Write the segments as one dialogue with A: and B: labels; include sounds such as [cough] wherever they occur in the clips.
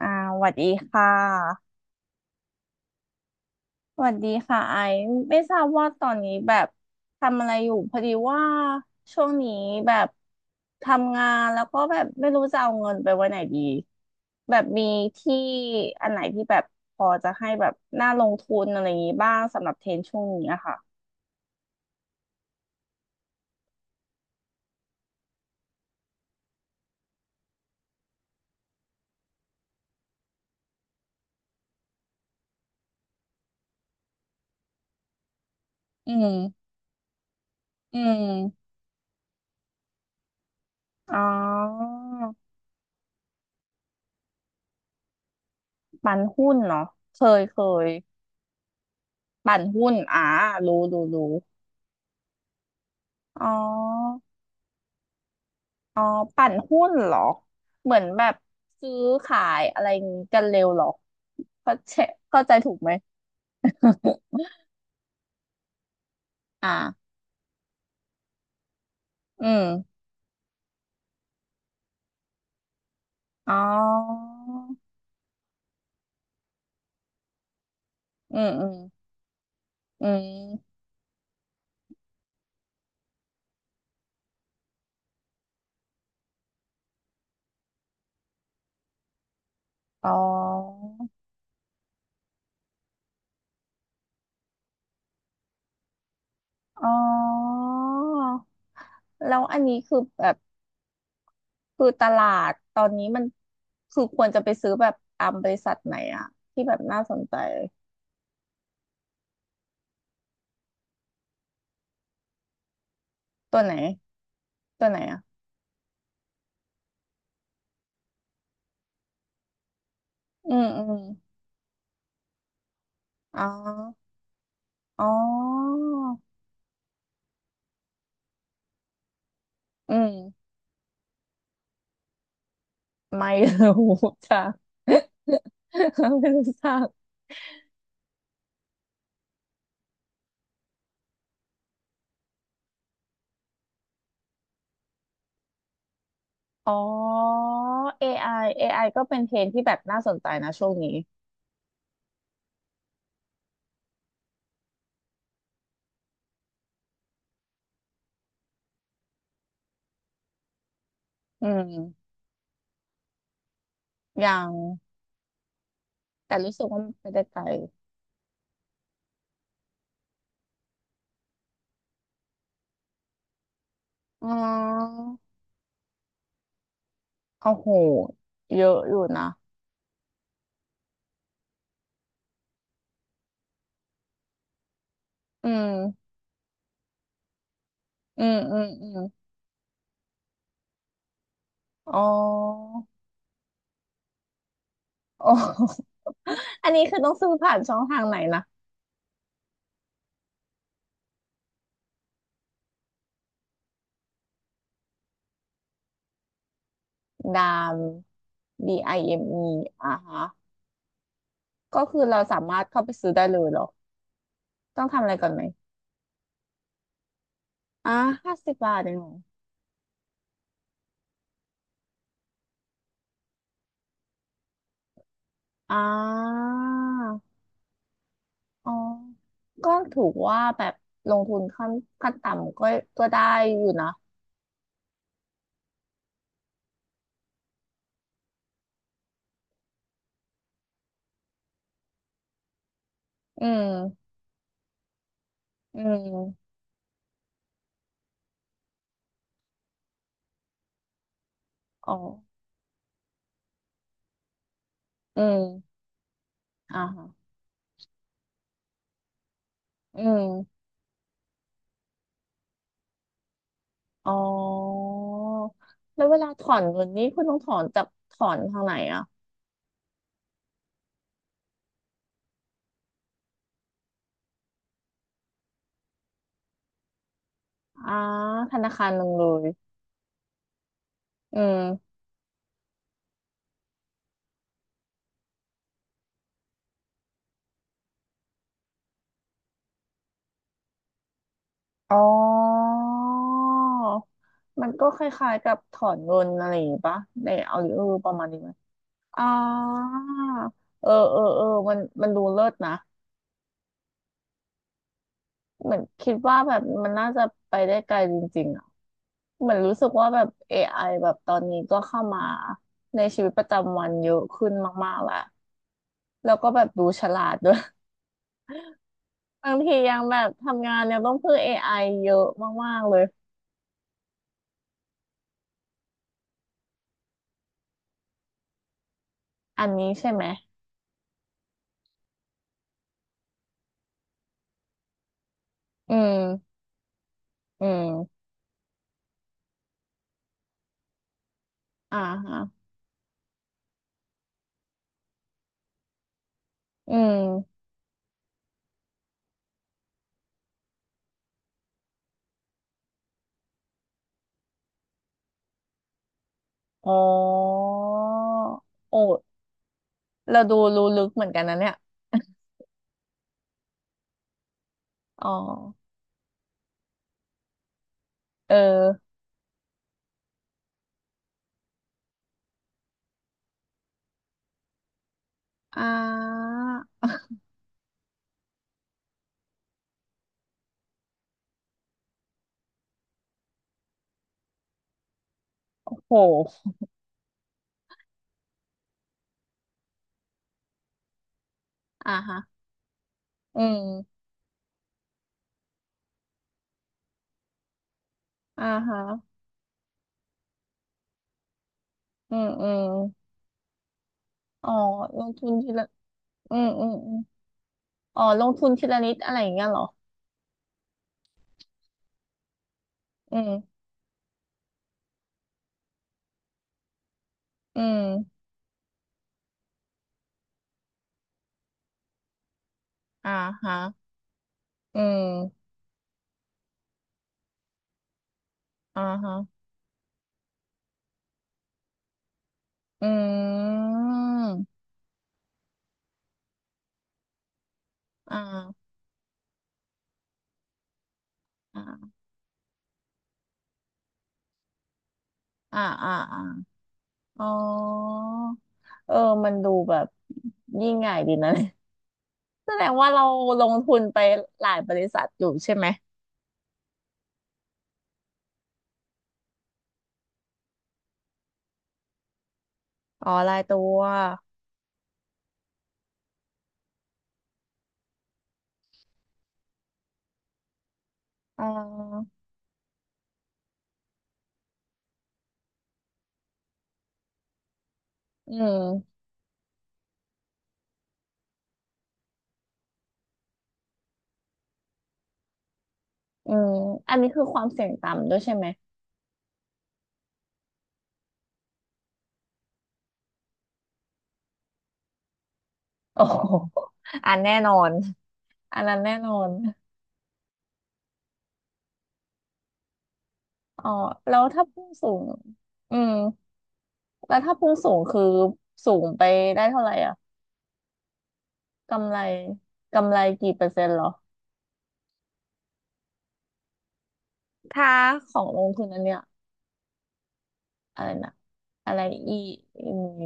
A: อ่าสวัสดีค่ะสวัสดีค่ะไอซ์ไม่ทราบว่าตอนนี้แบบทำอะไรอยู่พอดีว่าช่วงนี้แบบทำงานแล้วก็แบบไม่รู้จะเอาเงินไปไว้ไหนดีแบบมีที่อันไหนที่แบบพอจะให้แบบน่าลงทุนอะไรอย่างนี้บ้างสำหรับเทรนด์ช่วงนี้อะค่ะอืมอืมอ๋อปั่นหุ้นเนาะเคยเคยปั่นหุ้นรู้รู้รู้อ๋อ อ๋อปั่นหุ้นเหรอเหมือนแบบซื้อขายอะไรงี้กันเร็วเหรอเข้าใจเข้าใจถูกไหม [laughs] อ่าอืมอ๋ออืมอืมอืมอ๋ออ๋อแล้วอันนี้คือแบบคือตลาดตอนนี้มันคือควรจะไปซื้อแบบตามบริษัทไหนอะที่แบบน่าสนใจตัวไหนตัวไหนอะอืมอืมอ๋ออ๋ออืม ไม่รู้จ้ะ [laughs] ไม่รู้จัก อ๋อ AI AI ก็เป็นเทรนด์ที่แบบน่าสนใจนะช่วงนี้ อืมยังแต่รู้สึกว่ามันไปได้ไกลอ๋อโอ้โหเยอะอยู่นะอืมอืม อืม อืม อ๋อ อ๋อ [laughs] อันนี้คือต้องซื้อผ่านช่องทางไหนนะดาม DIME อมอีอ่ะฮะก็คือเราสามารถเข้าไปซื้อได้เลยเหรอ ต้องทำอะไรก่อนไหม อ่า50 บาทเองเหรออ่าอ๋อก็ถือว่าแบบลงทุนขั้นขั้นต่ำก็ก็ได้อยู่นะอืมอืมอ๋ออืมอ่าฮะอืมอ๋อแล้วเวลาถอนเงินนี่คุณต้องถอนจากถอนทางไหนอ่ะอ่าธนาคารหนึ่งเลยอืมอ๋อมันก็คล้ายๆกับถอนเงินอะไรอย่างงี้ปะในเอาหรือเออประมาณนี้ไหม อ๋อเออเออเออมันมันดูเลิศนะเหมือนคิดว่าแบบมันน่าจะไปได้ไกลจริงๆอ่ะเหมือนรู้สึกว่าแบบ AI แบบตอนนี้ก็เข้ามาในชีวิตประจำวันเยอะขึ้นมากๆและแล้วก็แบบดูฉลาดด้วย [laughs] บางทียังแบบทำงานยังต้องพึ่งเอไอเยอะมากๆเลยอันนี้ใช่ไหมอืมอืมอ่าฮะอืมอ๋อโอ้เราดูรู้ลึกเหมือนกันนะเนี่ยอ๋อ เอออ่าโหฮะอืมอ่าฮะอืมอืมอ๋อลงทุนทีละอืมอืมอมอ๋อลงทุนทีละนิดอะไรอย่างเงี้ยเหรออืมอืมอ่าฮะอืมอ่าฮะอืมอ่าอ่าอ่าอ่าอาอ๋อเออมันดูแบบยิ่งใหญ่ดีนะ [laughs] แสดงว่าเราลงทุนไปหลายบริษัทอยู่ใช่ไหมอ๋อรายตัวอ๋ออืม อืมอันนี้คือความเสี่ยงต่ำด้วยใช่ไหมโอ้โหอันแน่นอนอันนั้นแน่นอนอ๋อแล้วถ้าพุ่งสูงอืมแล้วถ้าพุ่งสูงคือสูงไปได้เท่าไหร่อะกำไรกำไรกี่เปอร์เซ็นต์เหรอถ้าของลงทุนอันเนี้ยอะไรนะอะไร E N V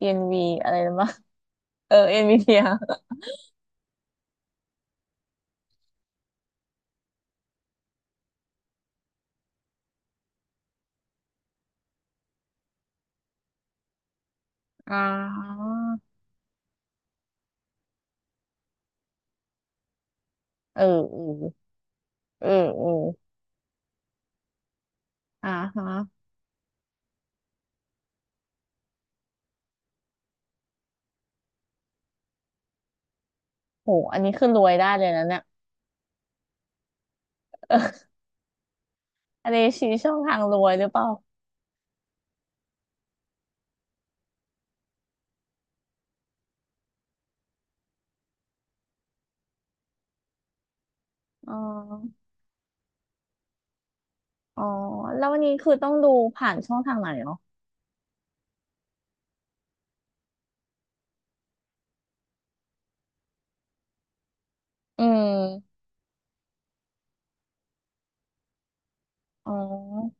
A: E N V อะไรนะวะเออ NVIDIA อ่าเออเออเออเอออ่าฮะโหอันนี้คือรวยได้เลยนะเนี่ยอันนี้ชี้ช่องทางรวยหรือเปล่า อ๋ออ๋อ แล้ววันนี้คือต้องดูผ่านช่องทางไหนเนาะอืมอ๋อ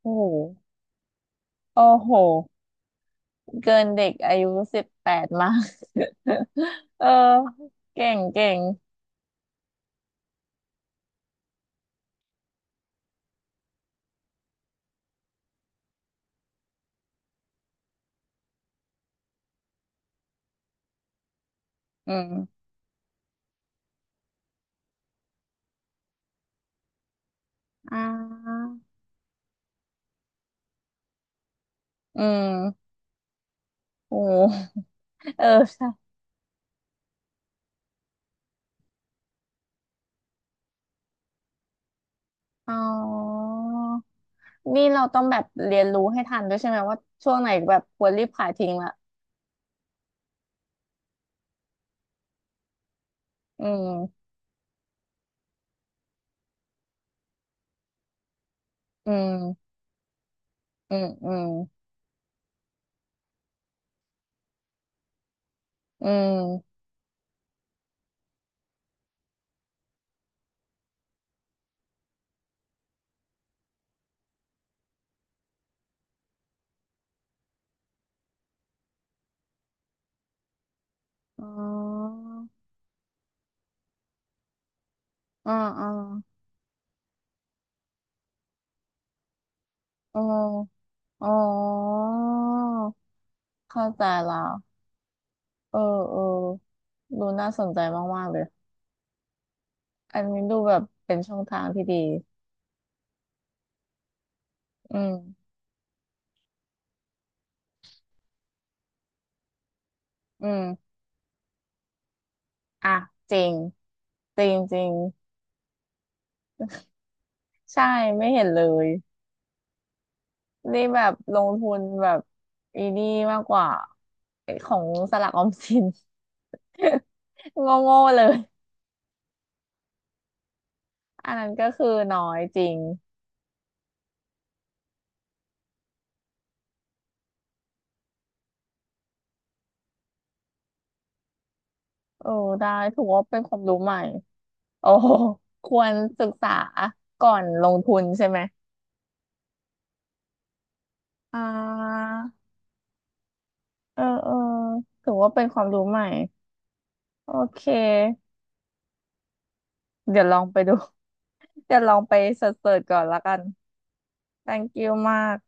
A: โอ้โหโอ้โห เกินเด็กอายุ18มาก [laughs] เออ เก่งเก่งอืมอ่าอืมโอ้เออใช่อ๋อ นี่เราต้องแบบเรียนรู้ให้ทันด้วยใช่ไหมว่าช่วงไหนแบบควรรีบขายทิ้งละอืมอืมอืมอืมอืมอ๋อ อ๋ออ๋ออ๋อ อ๋อเข้าใจแล้วเออเออดูน่าสนใจมากๆเลยอันนี้ดูแบบเป็นช่องทางที่ดีอืมอืมอ่ะจริงจริงจริงใช่ไม่เห็นเลยนี่แบบลงทุนแบบอีนี่มากกว่าไอ้ของสลักออมสิน [laughs] โง่ๆเลยอันนั้นก็คือน้อยจริงเออได้ถือว่าเป็นความรู้ใหม่ โอ้โหควรศึกษาก่อนลงทุนใช่ไหมอ่าเออเออถือว่าเป็นความรู้ใหม่โอเคเดี๋ยวลองไปดู [laughs] เดี๋ยวลองไปเสิร์ชๆก่อนละกัน thank you มาก